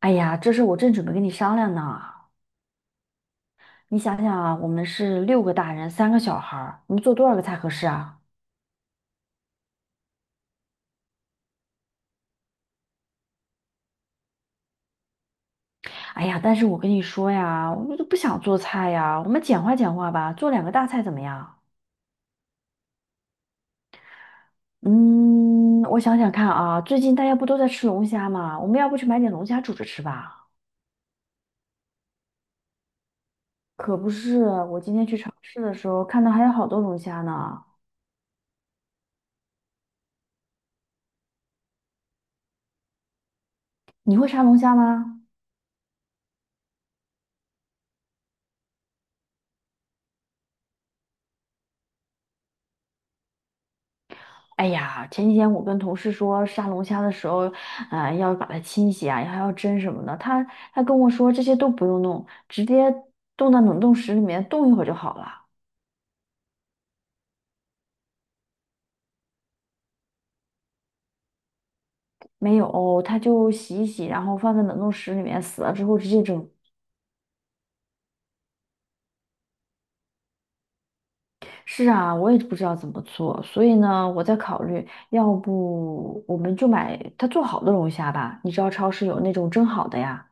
哎呀，这事我正准备跟你商量呢。你想想啊，我们是六个大人，三个小孩儿，我们做多少个菜合适啊？哎呀，但是我跟你说呀，我都不想做菜呀，我们简化简化吧，做两个大菜怎么样？嗯，我想想看啊，最近大家不都在吃龙虾吗？我们要不去买点龙虾煮着吃吧？可不是，我今天去超市的时候看到还有好多龙虾呢。你会杀龙虾吗？哎呀，前几天我跟同事说杀龙虾的时候，要把它清洗啊，还要蒸什么的。他跟我说这些都不用弄，直接冻到冷冻室里面冻一会儿就好了。没有，他就洗一洗，然后放在冷冻室里面，死了之后直接蒸。是啊，我也不知道怎么做，所以呢，我在考虑，要不我们就买他做好的龙虾吧？你知道超市有那种蒸好的呀。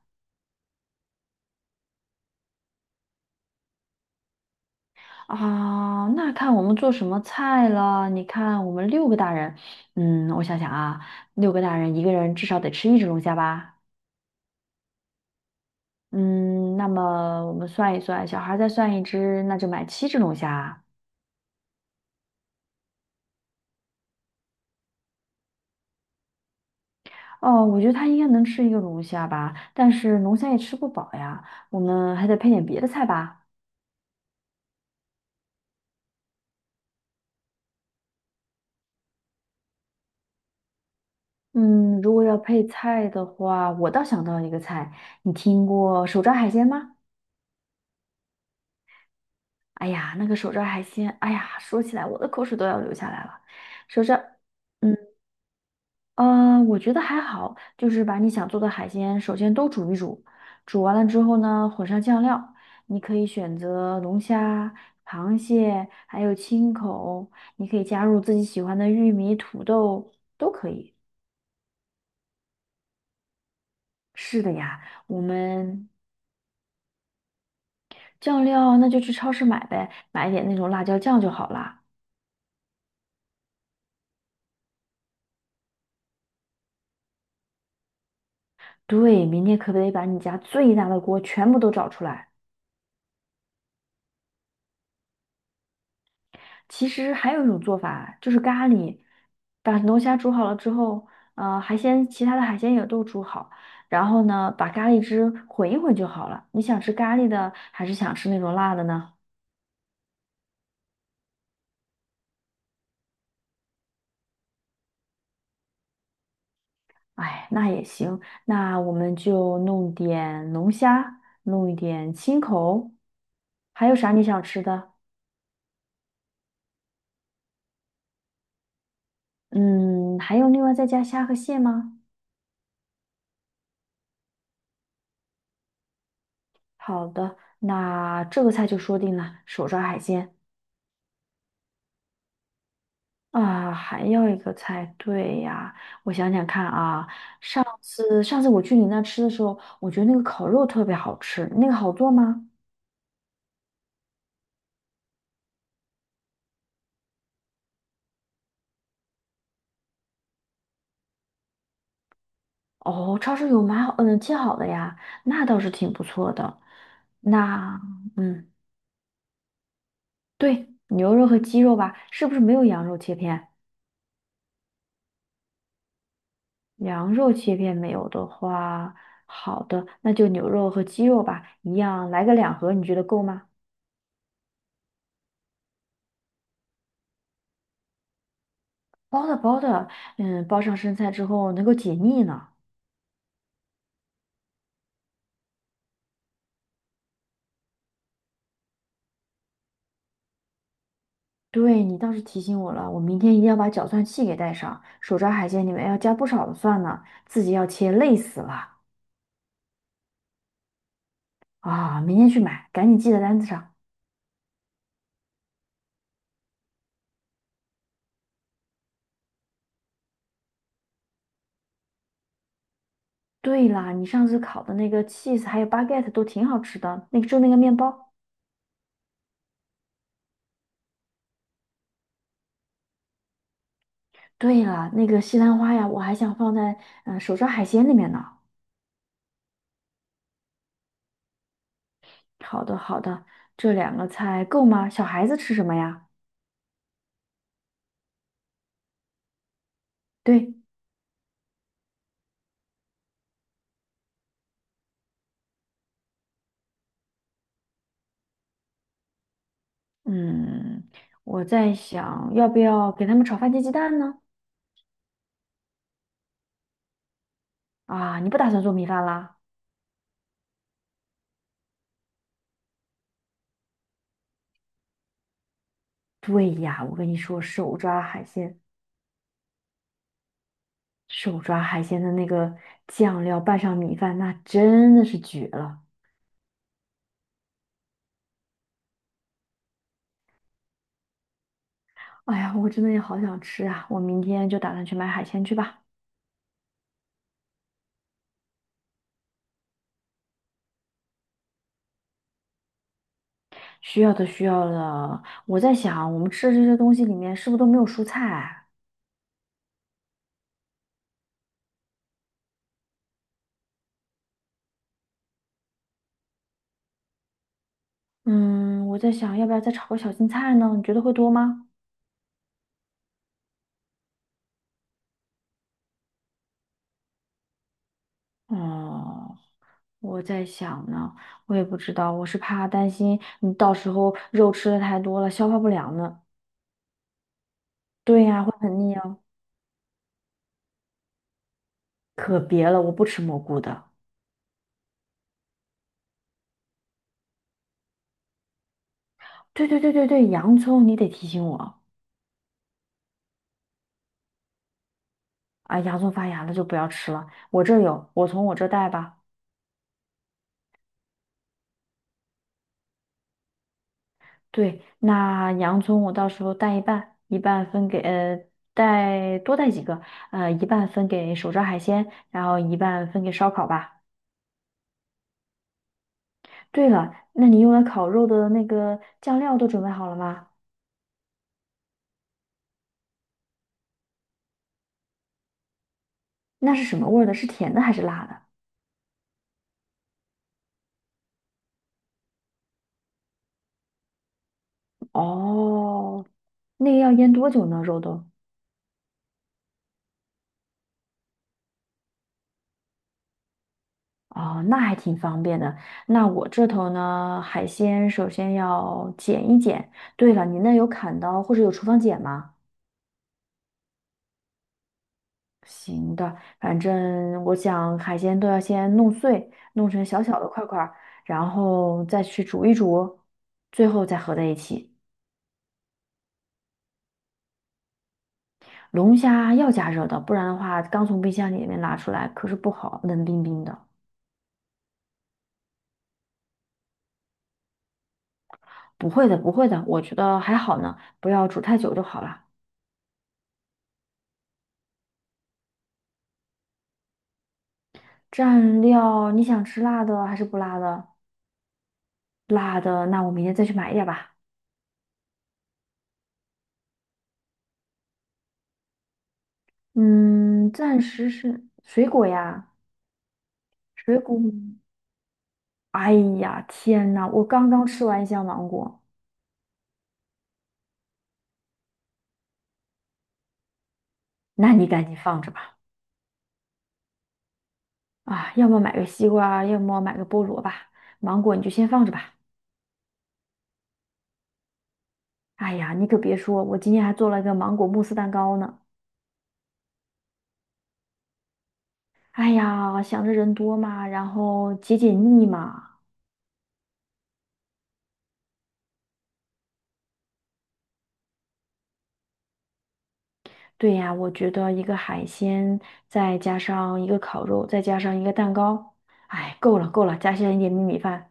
啊，那看我们做什么菜了？你看我们六个大人，嗯，我想想啊，六个大人一个人至少得吃一只龙虾吧？嗯，那么我们算一算，小孩再算一只，那就买七只龙虾。哦，我觉得他应该能吃一个龙虾吧，但是龙虾也吃不饱呀，我们还得配点别的菜吧。嗯，如果要配菜的话，我倒想到一个菜，你听过手抓海鲜吗？哎呀，那个手抓海鲜，哎呀，说起来我的口水都要流下来了。手抓，嗯，呃，我觉得还好，就是把你想做的海鲜首先都煮一煮，煮完了之后呢，混上酱料，你可以选择龙虾、螃蟹，还有青口，你可以加入自己喜欢的玉米、土豆，都可以。是的呀，我们酱料那就去超市买呗，买一点那种辣椒酱就好啦。对，明天可不可以把你家最大的锅全部都找出来？其实还有一种做法，就是咖喱，把龙虾煮好了之后，其他的海鲜也都煮好，然后呢，把咖喱汁混一混就好了。你想吃咖喱的，还是想吃那种辣的呢？哎，那也行，那我们就弄点龙虾，弄一点青口，还有啥你想吃的？嗯，还有另外再加虾和蟹吗？好的，那这个菜就说定了，手抓海鲜。啊，还要一个菜，对呀，我想想看啊，上次我去你那吃的时候，我觉得那个烤肉特别好吃，那个好做吗？哦，超市有买好，嗯，切好的呀，那倒是挺不错的。那，嗯，对，牛肉和鸡肉吧，是不是没有羊肉切片？羊肉切片没有的话，好的，那就牛肉和鸡肉吧，一样来个两盒，你觉得够吗？包的包的，嗯，包上生菜之后能够解腻呢。对，你倒是提醒我了，我明天一定要把搅蒜器给带上。手抓海鲜里面要加不少的蒜呢，自己要切，累死了啊！明天去买，赶紧记在单子上。对啦，你上次烤的那个 cheese 还有 baguette 都挺好吃的，那个就那个面包。对了，那个西兰花呀，我还想放在手抓海鲜里面呢。好的，好的，这两个菜够吗？小孩子吃什么呀？对，嗯，我在想要不要给他们炒番茄鸡蛋呢？啊，你不打算做米饭啦？对呀，我跟你说，手抓海鲜的那个酱料拌上米饭，那真的是绝了。哎呀，我真的也好想吃啊！我明天就打算去买海鲜去吧。需要的，需要的。我在想，我们吃的这些东西里面是不是都没有蔬菜？嗯，我在想，要不要再炒个小青菜呢？你觉得会多吗？哦，我在想呢，我也不知道，我是怕担心你到时候肉吃的太多了，消化不良呢。对呀，会很腻啊。可别了，我不吃蘑菇的。对对对对对，洋葱你得提醒我啊，洋葱发芽了就不要吃了。我这儿有，我从我这儿带吧。对，那洋葱我到时候带一半，一半分给呃带多带几个，一半分给手抓海鲜，然后一半分给烧烤吧。对了，那你用来烤肉的那个酱料都准备好了吗？那是什么味儿的？是甜的还是辣的？哦，那个要腌多久呢？肉都？哦，那还挺方便的。那我这头呢，海鲜首先要剪一剪。对了，你那有砍刀或者有厨房剪吗？行的，反正我想海鲜都要先弄碎，弄成小小的块块儿，然后再去煮一煮，最后再合在一起。龙虾要加热的，不然的话，刚从冰箱里面拿出来可是不好，冷冰冰的。不会的，不会的，我觉得还好呢，不要煮太久就好了。蘸料，你想吃辣的还是不辣的？辣的，那我明天再去买一点吧。嗯，暂时是水果呀，水果。哎呀，天呐，我刚刚吃完一箱芒果，那你赶紧放着吧。啊，要么买个西瓜，要么买个菠萝吧。芒果你就先放着吧。哎呀，你可别说，我今天还做了一个芒果慕斯蛋糕呢。哎呀，想着人多嘛，然后解解腻嘛。对呀，我觉得一个海鲜，再加上一个烤肉，再加上一个蛋糕，哎，够了够了，加上一点米饭。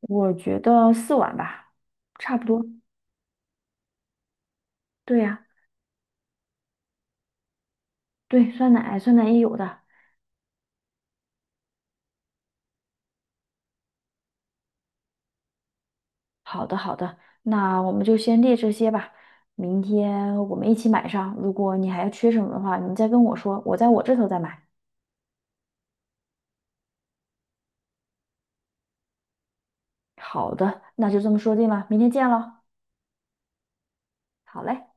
我觉得四碗吧，差不多。对呀，对，酸奶，酸奶也有的。好的，好的，那我们就先列这些吧。明天我们一起买上。如果你还要缺什么的话，你再跟我说，我在我这头再买。好的，那就这么说定了，明天见喽。好嘞。